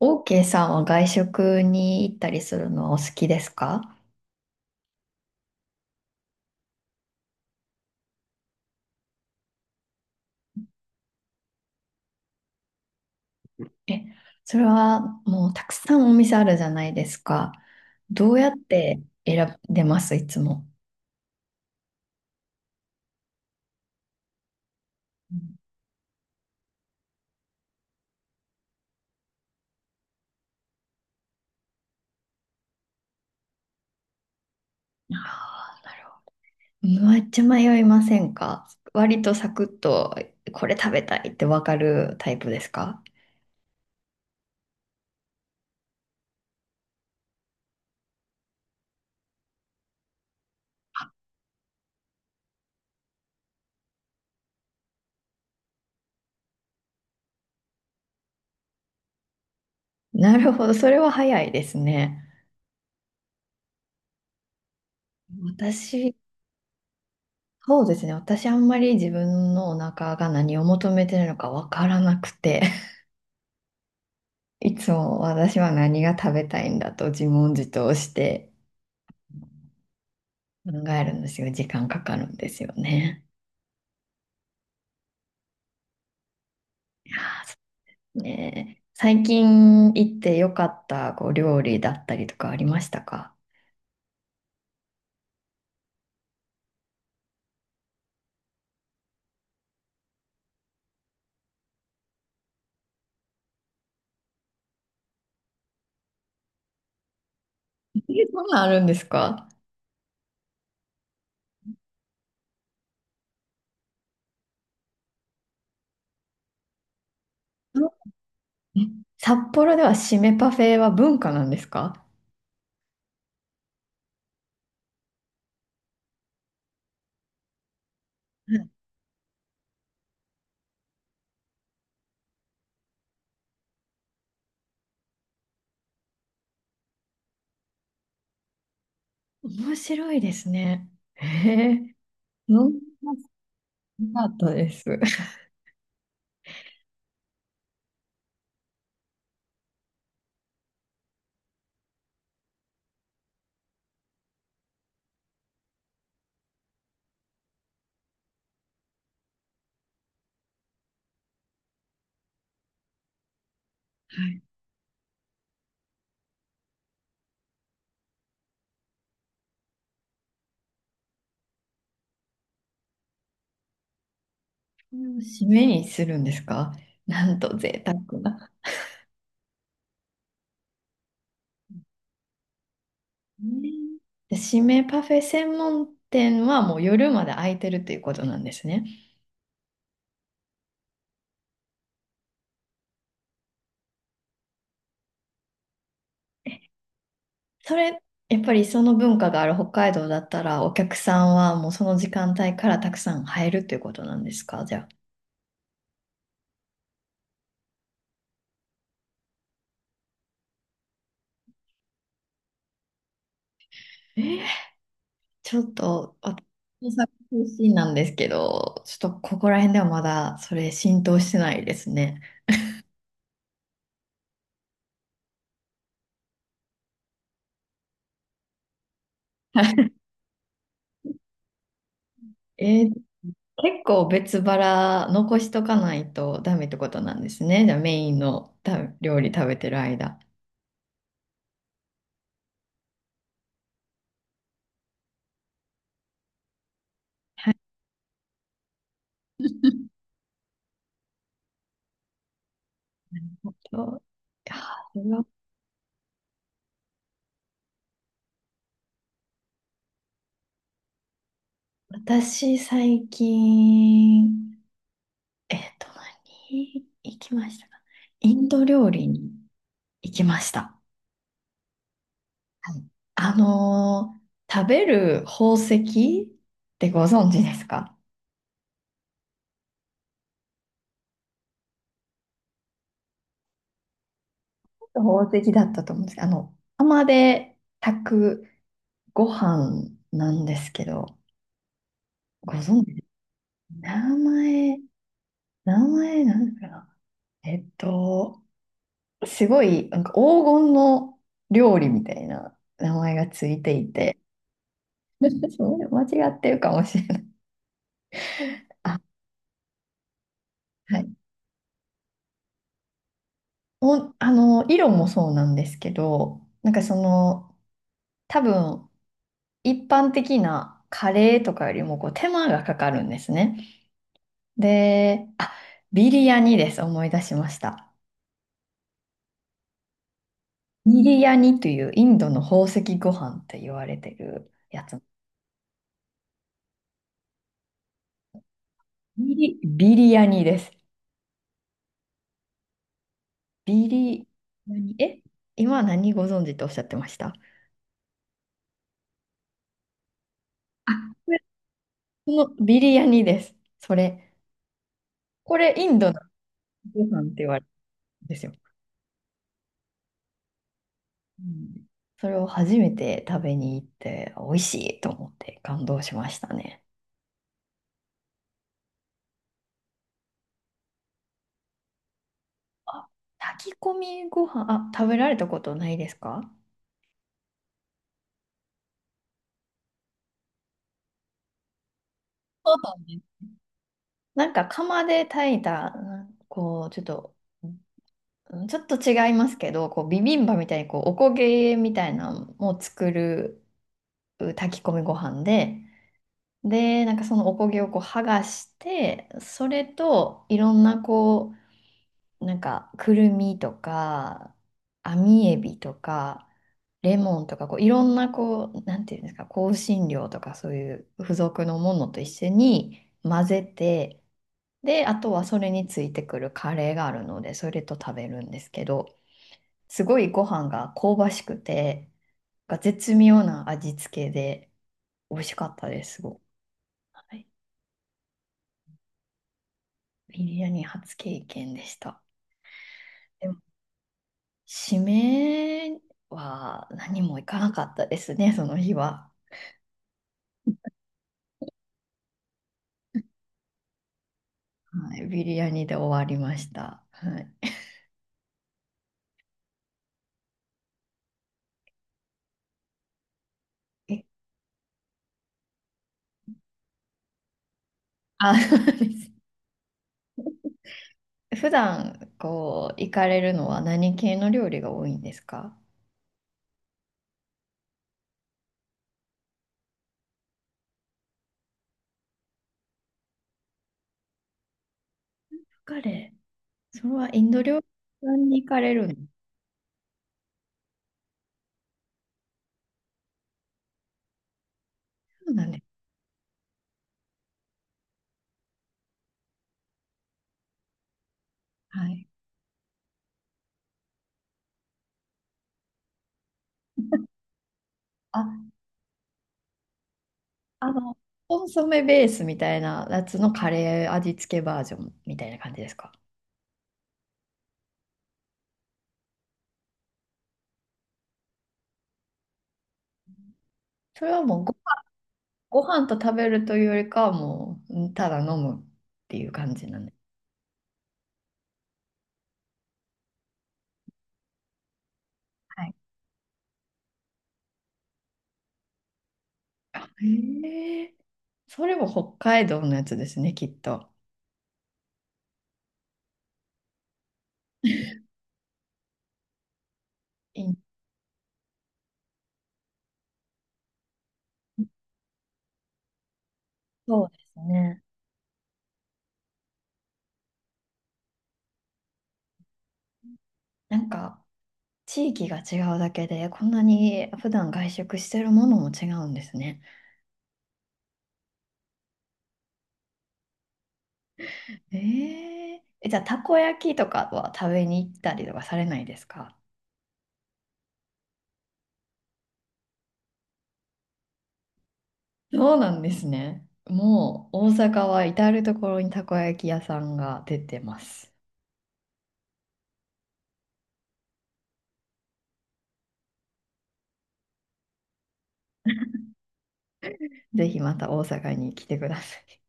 OK さんは外食に行ったりするのはお好きですか？え、それはもうたくさんお店あるじゃないですか。どうやって選んでますいつも？うん。あー、なるほど。めっちゃ迷いませんか？割とサクッとこれ食べたいってわかるタイプですか？なるほど、それは早いですね。私、そうですね。私あんまり自分のお腹が何を求めてるのかわからなくて。いつも私は何が食べたいんだと自問自答して考えるんですよ。時間かかるんですよね。いやー、そうね。最近行ってよかったこう料理だったりとかありましたか？え、そんなんあるんですか？え、札幌では締めパフェは文化なんですか？うん、面白いですね。へえ、飲んだことなかったです。はい。これを締めにするんですか？なんと贅沢な。ね。で、締めパフェ専門店はもう夜まで開いてるということなんですね。それ、やっぱりその文化がある北海道だったら、お客さんはもうその時間帯からたくさん入るということなんですかじゃあ。えーちょっと、私大阪出身なんですけど、ちょっとここら辺ではまだそれ浸透してないですね。えー結構別腹残しとかないとダメってことなんですね。じゃあメインのた料理食べてる間。はい。と、いやう私、最近、何行きましたか？インド料理に行きました。はい。食べる宝石ってご存知ですか？宝石だったと思うんですけど、釜で炊くご飯なんですけど、ご存知です？名前、名前なんだかな。えっと、すごい、なんか黄金の料理みたいな名前がついていて、そう、間違ってるかもしれない。あ、はい。お、色もそうなんですけど、なんか多分、一般的なカレーとかよりもこう手間がかかるんですね。で、あ、ビリヤニです。思い出しました。ビリヤニというインドの宝石ご飯って言われてるやつ。ビリヤニです。ビリヤニ、え、今何ご存知とおっしゃってました？あ、これ、そのビリヤニです。それ。これ、インドのご飯って言われるんですよ。うん。それを初めて食べに行って、美味しいと思って感動しましたね。あ、炊き込みご飯、あ、食べられたことないですか？そうなんです。なんか釜で炊いた、なんこう、ちょっと、うん、ちょっと違いますけど、こうビビンバみたいにこうおこげみたいなのを作るう炊き込みご飯で、で、なんかそのおこげをこう剥がして、それといろんなこう、なんかくるみとか、網エビとか、レモンとかこういろんなこう、なんていうんですか、香辛料とかそういう付属のものと一緒に混ぜて、で、あとはそれについてくるカレーがあるので、それと食べるんですけど、すごいご飯が香ばしくて、が絶妙な味付けで美味しかったです、すごく。はい、ビリヤニ初経験でした。でも、締めは何もいかなかったですね、その日は。はい、ビリヤニで終わりました。はい。あ、そうです。普段こう行かれるのは何系の料理が多いんですか？カレー、それはインド料理屋さんに行かれるの？そうなんです。はい。あ、あの、コンソメベースみたいなやつのカレー味付けバージョンみたいな感じですか？それはもうご飯と食べるというよりかはもう、うん、ただ飲むっていう感じなんで。はい。あ、へえ。それも北海道のやつですね、きっと。いい、そうですね。なんか、地域が違うだけで、こんなに普段外食してるものも違うんですね。え、じゃあ、たこ焼きとかは食べに行ったりとかされないですか？そうなんですね。もう、大阪は至る所にたこ焼き屋さんが出てます。ぜひまた大阪に来てください。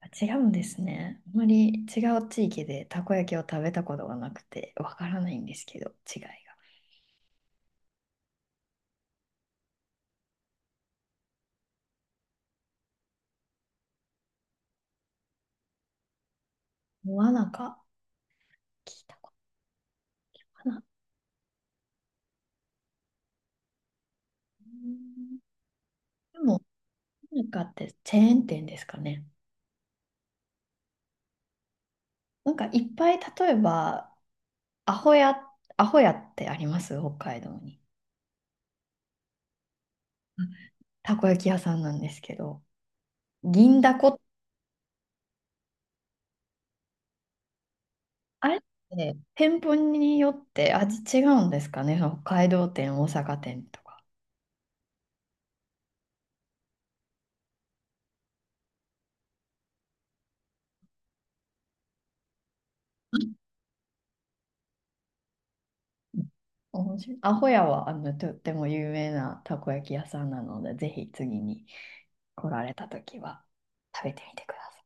あ、違うんですね。あまり違う地域でたこ焼きを食べたことがなくてわからないんですけど、違いが。モアナカ聞いたことかない。うん。でも、モアナカってチェーン店ですかね。なんかいっぱい、例えば、アホや、アホやってあります北海道に。うん、たこ焼き屋さんなんですけど、銀だこ、あれって店舗によって味違うんですかね、その北海道店、大阪店とか。面白い。アホヤはとっても有名なたこ焼き屋さんなので、ぜひ次に来られた時は食べてみてください。